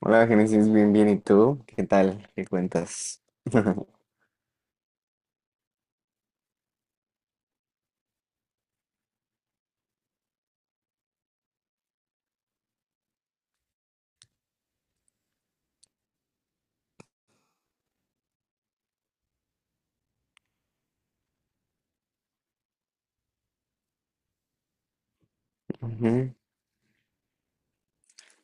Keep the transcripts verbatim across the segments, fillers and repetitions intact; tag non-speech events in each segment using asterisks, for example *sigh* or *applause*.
Hola, Génesis, bien, bien. ¿Y tú? ¿Qué tal? ¿Qué cuentas? *laughs* Ujú.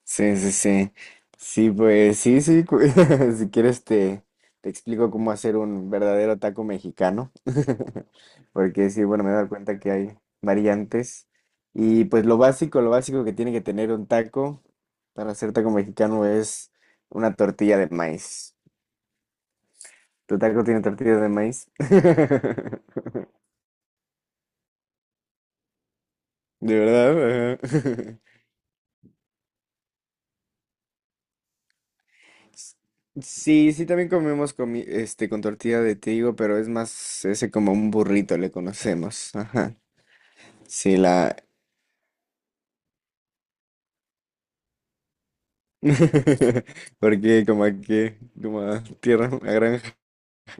Sí, sí, sí. Sí, pues sí, sí. cu- *laughs* Si quieres, te, te explico cómo hacer un verdadero taco mexicano. *laughs* Porque sí, bueno, me he dado cuenta que hay variantes. Y pues lo básico, lo básico que tiene que tener un taco para hacer taco mexicano es una tortilla de maíz. ¿Tu taco tiene tortilla de maíz? *laughs* ¿De verdad? Ajá. *laughs* Sí, sí, también comemos comi- este, con tortilla de trigo, pero es más ese como un burrito le conocemos. Ajá. Sí, la... *laughs* Porque como aquí, como a tierra, a granja.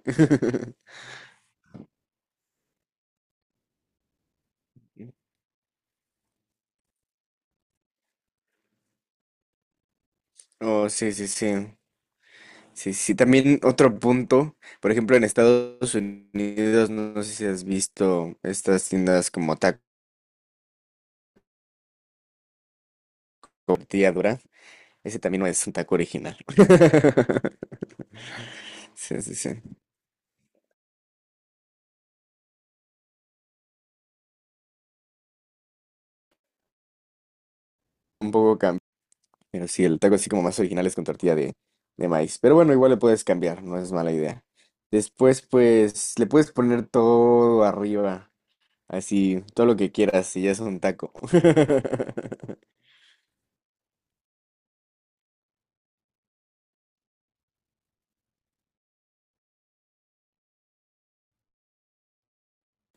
*laughs* Oh, sí, sí, sí. Sí, sí. También otro punto, por ejemplo, en Estados Unidos, no, no sé si has visto estas tiendas como taco tortilla dura. Ese también no es un taco original. *laughs* Sí, sí, sí. Un poco. Pero sí, el taco así como más original es con tortilla de, de maíz. Pero bueno, igual le puedes cambiar, no es mala idea. Después, pues, le puedes poner todo arriba, así, todo lo que quieras, y ya es un taco. *laughs*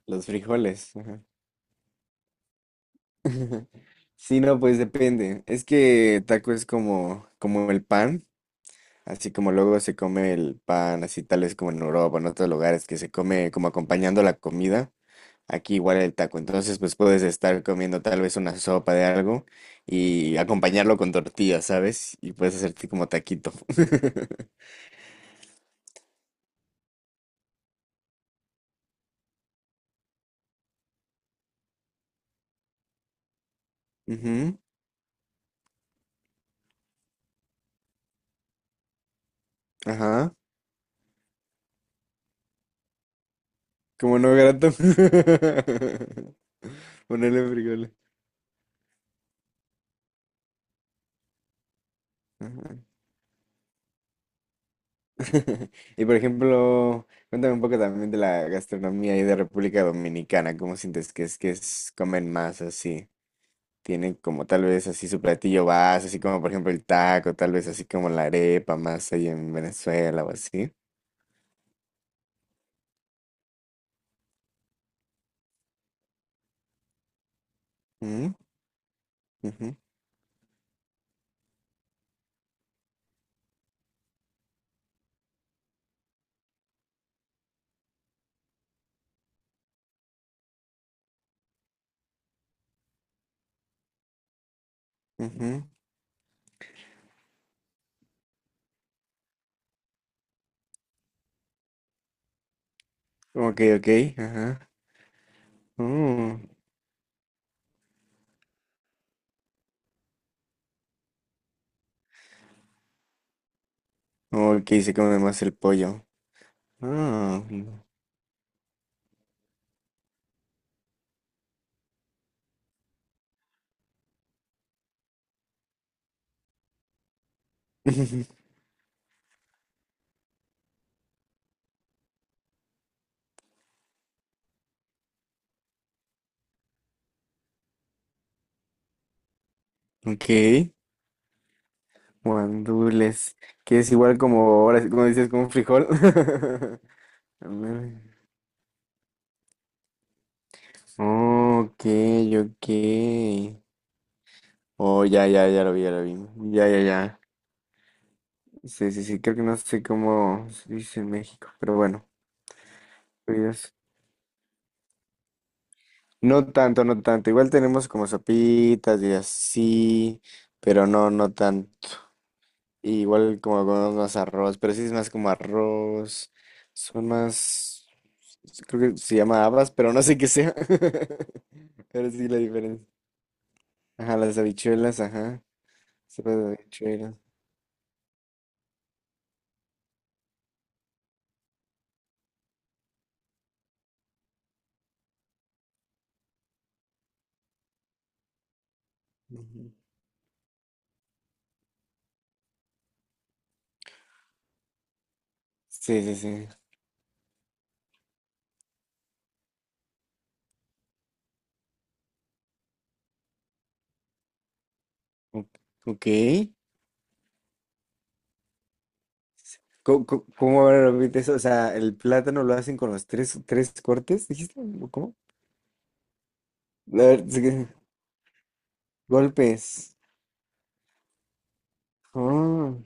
Los frijoles, ajá. *laughs* Sí, no, pues depende. Es que taco es como, como el pan, así como luego se come el pan, así tal vez como en Europa, en otros lugares, que se come como acompañando la comida. Aquí igual el taco. Entonces, pues puedes estar comiendo tal vez una sopa de algo y acompañarlo con tortillas, ¿sabes? Y puedes hacerte como taquito. *laughs* Ujú. Ajá. Como no grato. *laughs* Ponerle frijoles. Ajá. *laughs* Y por ejemplo, cuéntame un poco también de la gastronomía ahí de República Dominicana. ¿Cómo sientes que es que es comen más así? Tienen como tal vez así su platillo base, así como por ejemplo el taco, tal vez así como la arepa más ahí en Venezuela o así. Mm, ujú, ujú. Ok, ok, ajá. Mm. Ok, se come más el pollo. Ah, *laughs* ok, guandules, que es igual como ahora, sí, como dices, como un frijol. *laughs* A ver. Ok, ok. Oh, ya, ya, ya lo vi, ya lo vi. Ya, ya, ya. Sí, sí, sí, creo que no sé cómo se dice en México, pero bueno, pues, no tanto, no tanto. Igual tenemos como sopitas y así, pero no, no tanto. Igual como comemos más arroz, pero sí es más como arroz. Son más, creo que se llama habas, pero no sé qué sea. *laughs* Pero sí la diferencia. Ajá, las habichuelas, ajá. Sopa de habichuelas. Ujú. Sí, sí, sí. O- Ok. ¿Cómo, cómo- cómo ahora repite eso? O sea, el plátano lo hacen con los tres, tres cortes, ¿dijiste? ¿O ¿cómo? A ver, sí que- golpes. Oh,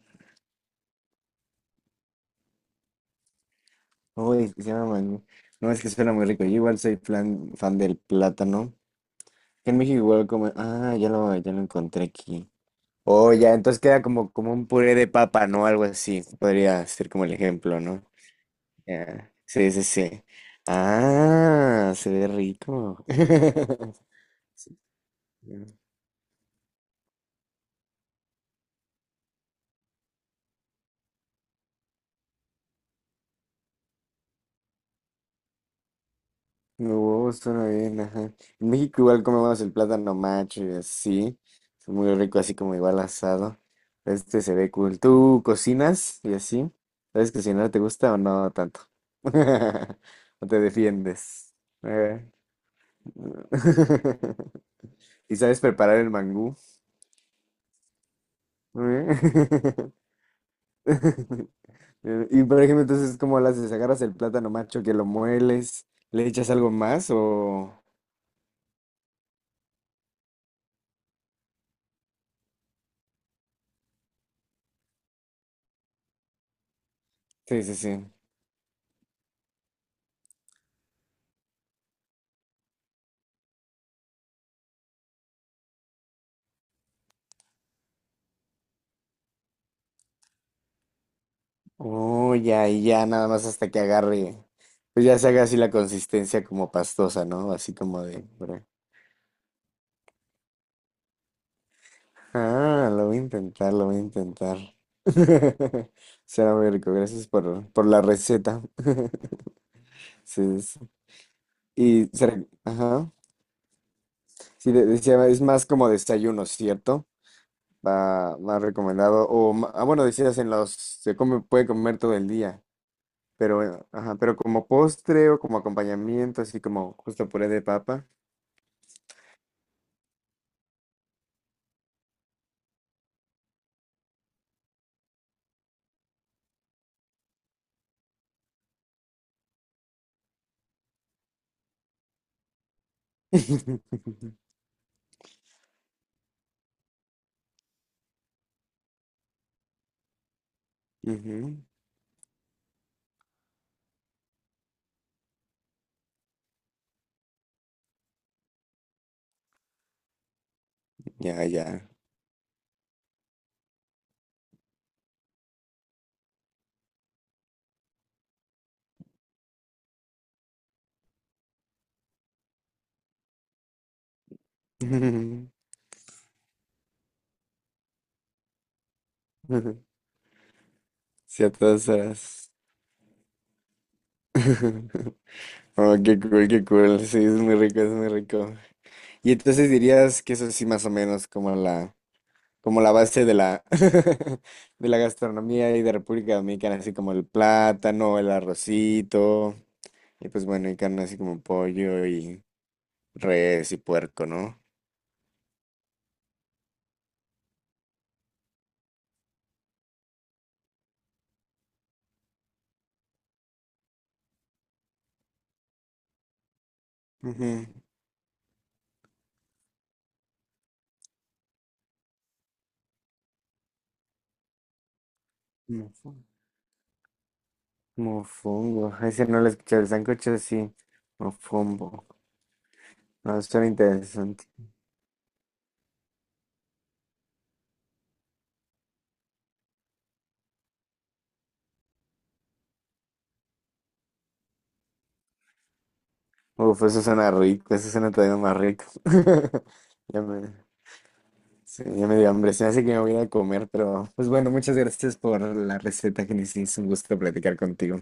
uy, se llama mangú. No, es que suena muy rico. Yo igual soy plan- fan del plátano. En México igual como... Ah, ya lo, ya lo encontré aquí. Oh, ya, entonces queda como, como un puré de papa, ¿no? Algo así. Podría ser como el ejemplo, ¿no? Ya. Sí, sí, sí. Ah, se ve rico. *laughs* No, huevo, suena bien, ajá. En México igual comemos el plátano macho y así. Es muy rico, así como igual asado. Este se ve cool. ¿Tú cocinas y así? ¿Sabes cocinar? ¿Te gusta o no tanto? *laughs* ¿O te defiendes? Eh, *laughs* ¿Y sabes preparar el mangú? Eh, *laughs* Eh, Y por ejemplo, entonces, ¿cómo las haces? ¿Agarras el plátano macho que lo mueles? ¿Le echas algo más o...? Sí, sí, sí. Uy, ya, y ya, nada más hasta que agarre, pues ya se haga así la consistencia como pastosa, ¿no? Así como de... Ah, lo voy a intentar, lo voy a intentar. *laughs* Será muy rico, gracias por, por la receta. *laughs* Sí, sí. Y será, ajá. Sí, de- decía, es más como desayuno, ¿cierto? Va más recomendado. O, ma- ah, bueno, decías en los, se come, puede comer todo el día. Pero, eh, ajá, pero como postre o como acompañamiento, así como justo puré de papa. *laughs* Ujú. Ya, ya. *laughs* Ciertas horas. *laughs* Oh, qué cool, qué cool. Sí, es muy rico, es muy rico. Y entonces dirías que eso sí más o menos como la, como la base de la, *laughs* de la gastronomía y de República Dominicana, así como el plátano, el arrocito, y pues bueno, y carne así como pollo y res y puerco, ¿no? Ujú. Mofongo, ese no lo escuché, el sancocho sí, mofongo, no, suena interesante, uf, eso suena rico, eso suena todavía más rico, *laughs* ya me, sí, ya me dio hambre, se me hace que me voy a ir a comer, pero pues bueno, muchas gracias por, la receta, que Genesis, un gusto platicar contigo.